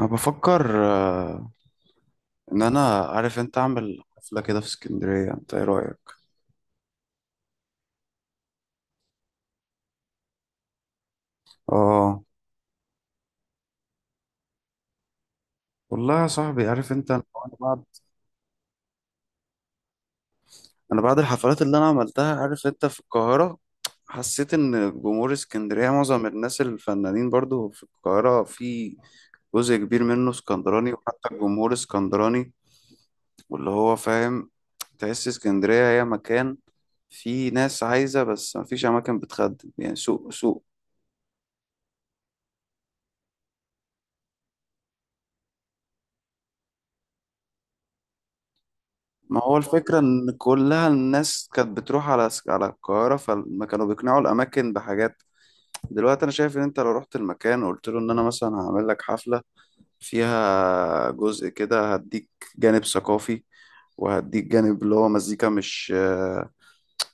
انا بفكر ان انا عارف انت اعمل حفله كده في اسكندريه. انت ايه رايك؟ اه، والله يا صاحبي عارف انت انا. أنا بعد انا بعد الحفلات اللي انا عملتها عارف انت في القاهره، حسيت ان جمهور اسكندريه معظم الناس الفنانين برضو في القاهره، في جزء كبير منه اسكندراني وحتى الجمهور اسكندراني واللي هو فاهم. تحس اسكندريه هي مكان فيه ناس عايزه بس مفيش اماكن بتخدم، يعني سوق سوق. ما هو الفكرة إن كلها الناس كانت بتروح على القاهرة، فما كانوا بيقنعوا الأماكن بحاجات. دلوقتي أنا شايف إن أنت لو رحت المكان وقلت له إن أنا مثلا هعمل لك حفلة فيها جزء كده، هديك جانب ثقافي وهديك جانب اللي هو مزيكا مش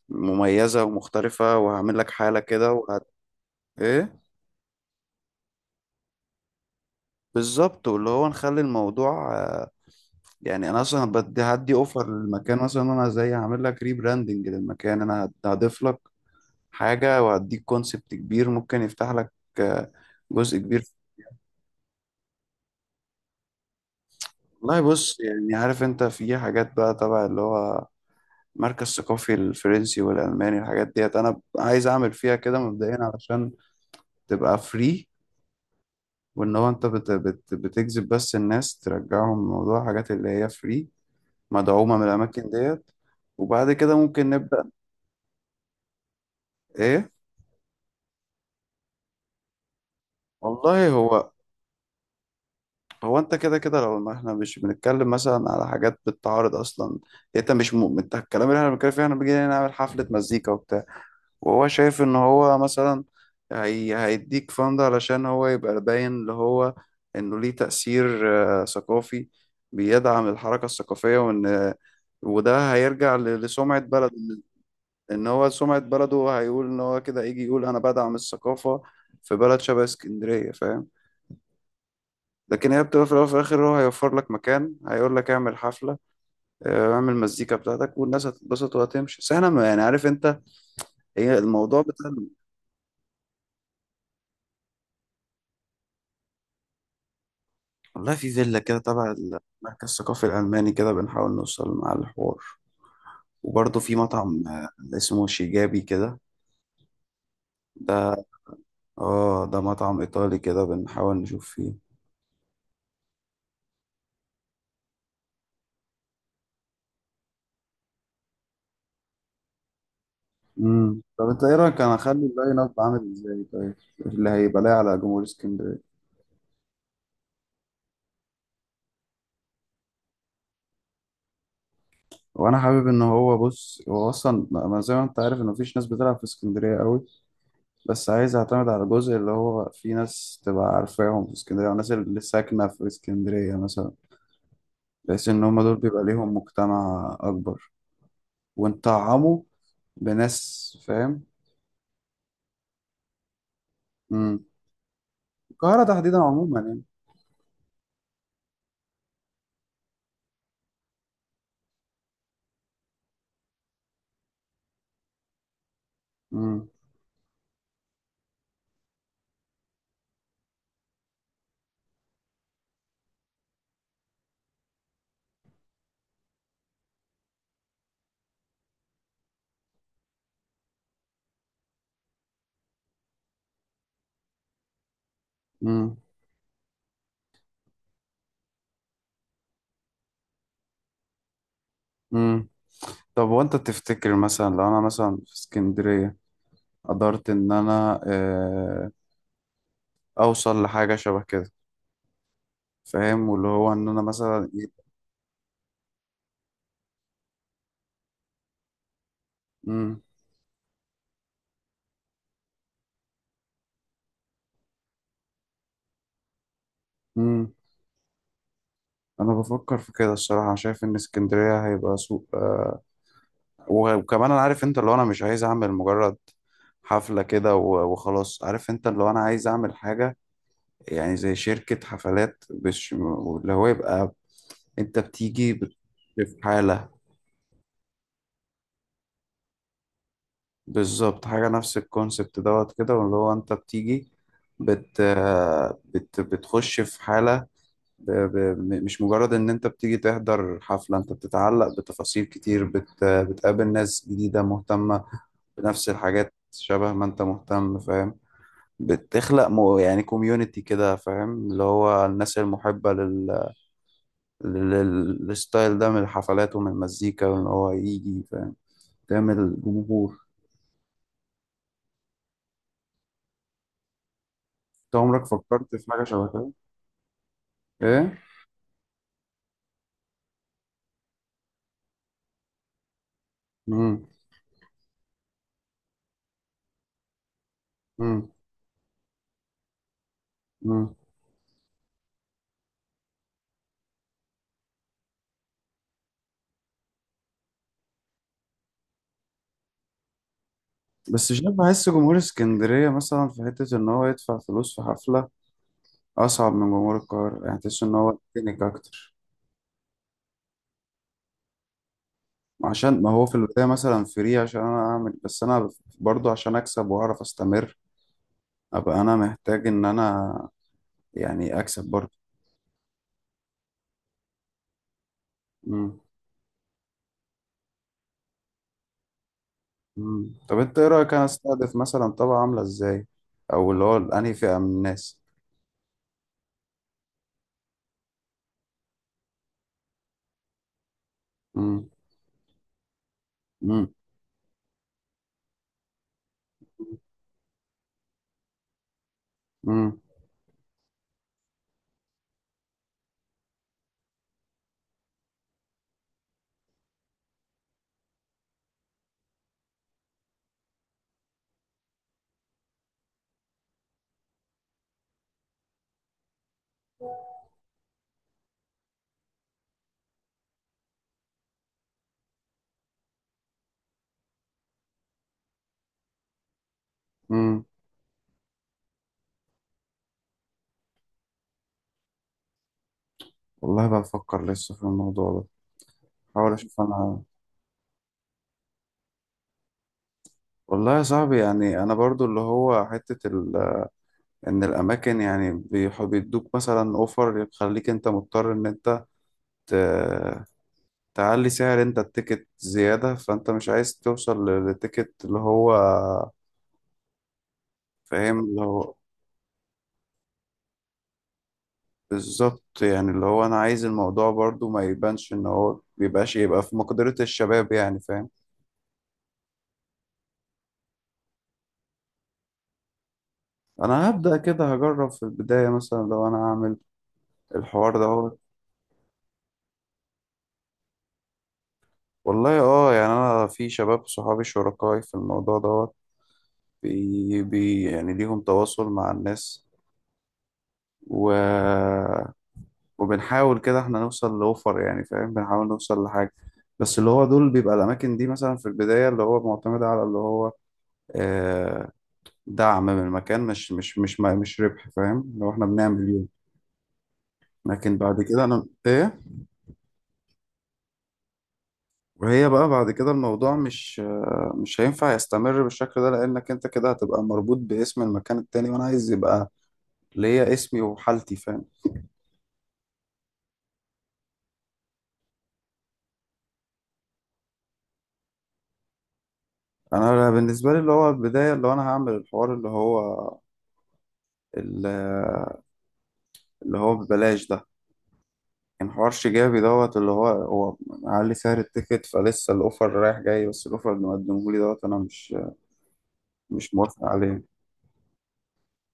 مميزة ومختلفة، وهعمل لك حالة كده وهت... إيه بالظبط، واللي هو نخلي الموضوع يعني أنا أصلا بدي هدي أوفر للمكان، مثلا أنا زي هعمل لك ريبراندنج للمكان، أنا هضيف لك حاجة وأديك كونسبت كبير ممكن يفتح لك آه، جزء كبير. والله بص، يعني عارف انت في حاجات بقى تبع اللي هو مركز ثقافي الفرنسي والألماني، الحاجات ديت أنا عايز أعمل فيها كده مبدئيا علشان تبقى فري، وإن هو أنت بت بتجذب بس الناس، ترجعهم موضوع حاجات اللي هي فري مدعومة من الأماكن ديت، وبعد كده ممكن نبدأ. إيه، والله هو. هو انت كده كده لو ما احنا مش بنتكلم مثلا على حاجات بتتعارض اصلا، انت مش مؤمن انت الكلام اللي احنا بنتكلم فيه، احنا بنيجي نعمل حفلة مزيكا وبتاع، وهو شايف ان هو مثلا هيديك فند علشان هو يبقى باين اللي هو انه ليه تأثير ثقافي بيدعم الحركة الثقافية، وان وده هيرجع لسمعة بلده. ان هو سمعة بلده، هيقول ان هو كده، يجي يقول انا بدعم الثقافة في بلد شبه اسكندرية، فاهم؟ لكن هي بتبقى في الأول وفي الآخر هو هيوفر لك مكان، هيقول لك اعمل حفلة، اعمل مزيكا بتاعتك والناس هتتبسط وهتمشي. بس احنا يعني عارف انت، هي الموضوع بتاع. والله في فيلا كده تبع المركز الثقافي الألماني، كده بنحاول نوصل مع الحوار، وبرضه في مطعم اسمه شيجابي كده. ده اه ده مطعم إيطالي كده بنحاول نشوف فيه. امم، طب انت ايه رأيك انا اخلي اللاين اب عامل ازاي؟ طيب اللي هيبقى لاقي على جمهور اسكندرية. وانا حابب ان هو، بص هو اصلا، ما زي ما انت عارف ان مفيش ناس بتلعب في اسكندريه قوي، بس عايز اعتمد على الجزء اللي هو في ناس تبقى عارفاهم في اسكندريه، والناس اللي ساكنه في اسكندريه مثلا، بحيث ان هم دول بيبقى ليهم مجتمع اكبر، ونطعمه بناس، فاهم؟ امم، القاهره تحديدا عموما يعني. امم. امم. امم، طب وانت تفتكر مثلا لو انا مثلا في اسكندريه قدرت ان انا اوصل لحاجه شبه كده، فاهم؟ واللي هو ان انا مثلا. مم. مم. انا بفكر في كده، الصراحه شايف ان اسكندريه هيبقى سوق آه، وكمان انا عارف انت اللي هو انا مش عايز اعمل مجرد حفله كده وخلاص، عارف انت اللي هو انا عايز اعمل حاجه، يعني زي شركه حفلات، مش اللي هو يبقى انت بتيجي في حاله. بالظبط، حاجه نفس الكونسبت دوت كده، واللي هو انت بتيجي بت بتخش في حاله، مش مجرد ان انت بتيجي تحضر حفلة، انت بتتعلق بتفاصيل كتير، بتقابل ناس جديدة مهتمة بنفس الحاجات شبه ما انت مهتم، فاهم؟ بتخلق مو يعني كوميونتي كده، فاهم؟ اللي هو الناس المحبة لل... للستايل ده من الحفلات ومن المزيكا، وان هو يجي، فاهم؟ تعمل جمهور. انت عمرك فكرت في حاجة شبه كده؟ ايه؟ مم. مم. مم. بس شايف، بحس جمهور اسكندرية مثلا في حتة إن هو يدفع فلوس في حفلة اصعب من جمهور القاهره، يعني تحس ان هو تكنيك اكتر. عشان ما هو في البدايه مثلا فري، عشان انا اعمل، بس انا برضو عشان اكسب واعرف استمر، ابقى انا محتاج ان انا يعني اكسب برضو. مم. مم. طب انت ايه رايك انا استهدف مثلا طبقه عامله ازاي، او اللي هو انهي فئه من الناس؟ مم. مم. مم. مم. والله بفكر لسه في الموضوع ده، حاول اشوف انا. والله يا صاحبي، يعني انا برضو اللي هو حته ال ان الاماكن يعني بيدوك مثلا اوفر يخليك انت مضطر ان انت ت- تعلي سعر انت التيكت زيادة، فانت مش عايز توصل للتيكت اللي هو فاهم اللي هو. بالظبط، يعني اللي هو انا عايز الموضوع برضو ما يبانش ان هو بيبقاش، يبقى في مقدرة الشباب يعني، فاهم؟ انا هبدأ كده هجرب في البداية، مثلا لو انا هعمل الحوار ده هو. والله اه، يعني انا في شباب صحابي شركائي في الموضوع دوت، بي يعني ليهم تواصل مع الناس، و... وبنحاول كده احنا نوصل لأوفر يعني، فاهم؟ بنحاول نوصل لحاجة. بس اللي هو دول بيبقى الأماكن دي مثلا في البداية اللي هو معتمدة على اللي هو آه، دعم من المكان، مش ربح، فاهم؟ لو احنا بنعمل يوم. لكن بعد كده أنا إيه، وهي بقى بعد كده الموضوع مش مش هينفع يستمر بالشكل ده، لأنك أنت كده هتبقى مربوط باسم المكان التاني، وأنا عايز يبقى ليا اسمي وحالتي، فاهم؟ أنا بالنسبة لي اللي هو البداية اللي هو أنا هعمل الحوار اللي هو ال- اللي هو ببلاش ده، كان حوار شجابي دوت اللي هو هو معلي سعر التيكت، فلسه الاوفر رايح جاي، بس الاوفر اللي مقدمه لي دوت انا مش مش موافق عليه.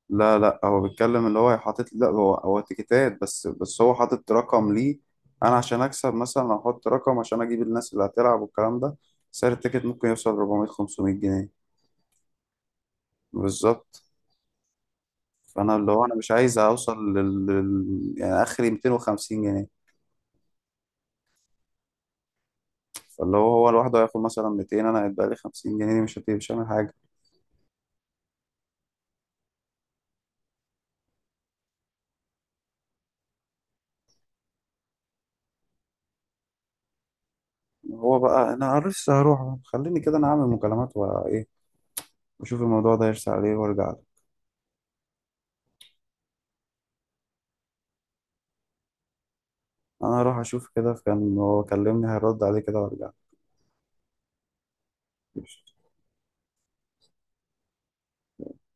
لا هو بيتكلم اللي هو حاطط، لا هو هو تيكتات، بس هو حاطط رقم ليه. انا عشان اكسب مثلا احط رقم عشان اجيب الناس اللي هتلعب والكلام ده، سعر التيكت ممكن يوصل 400 500 جنيه. بالظبط، فانا اللي هو انا مش عايز اوصل يعني اخري 250 جنيه. فاللي هو هو لوحده هياخد مثلا 200، انا هيتبقى لي 50 جنيه، دي مش هتبقى، مش هعمل حاجه. هو بقى انا لسه هروح، خليني كده انا اعمل مكالمات وايه، واشوف الموضوع ده يرسى عليه وارجع له. انا هروح اشوف كده، كان هو كلمني هيرد عليه كده، وارجع له.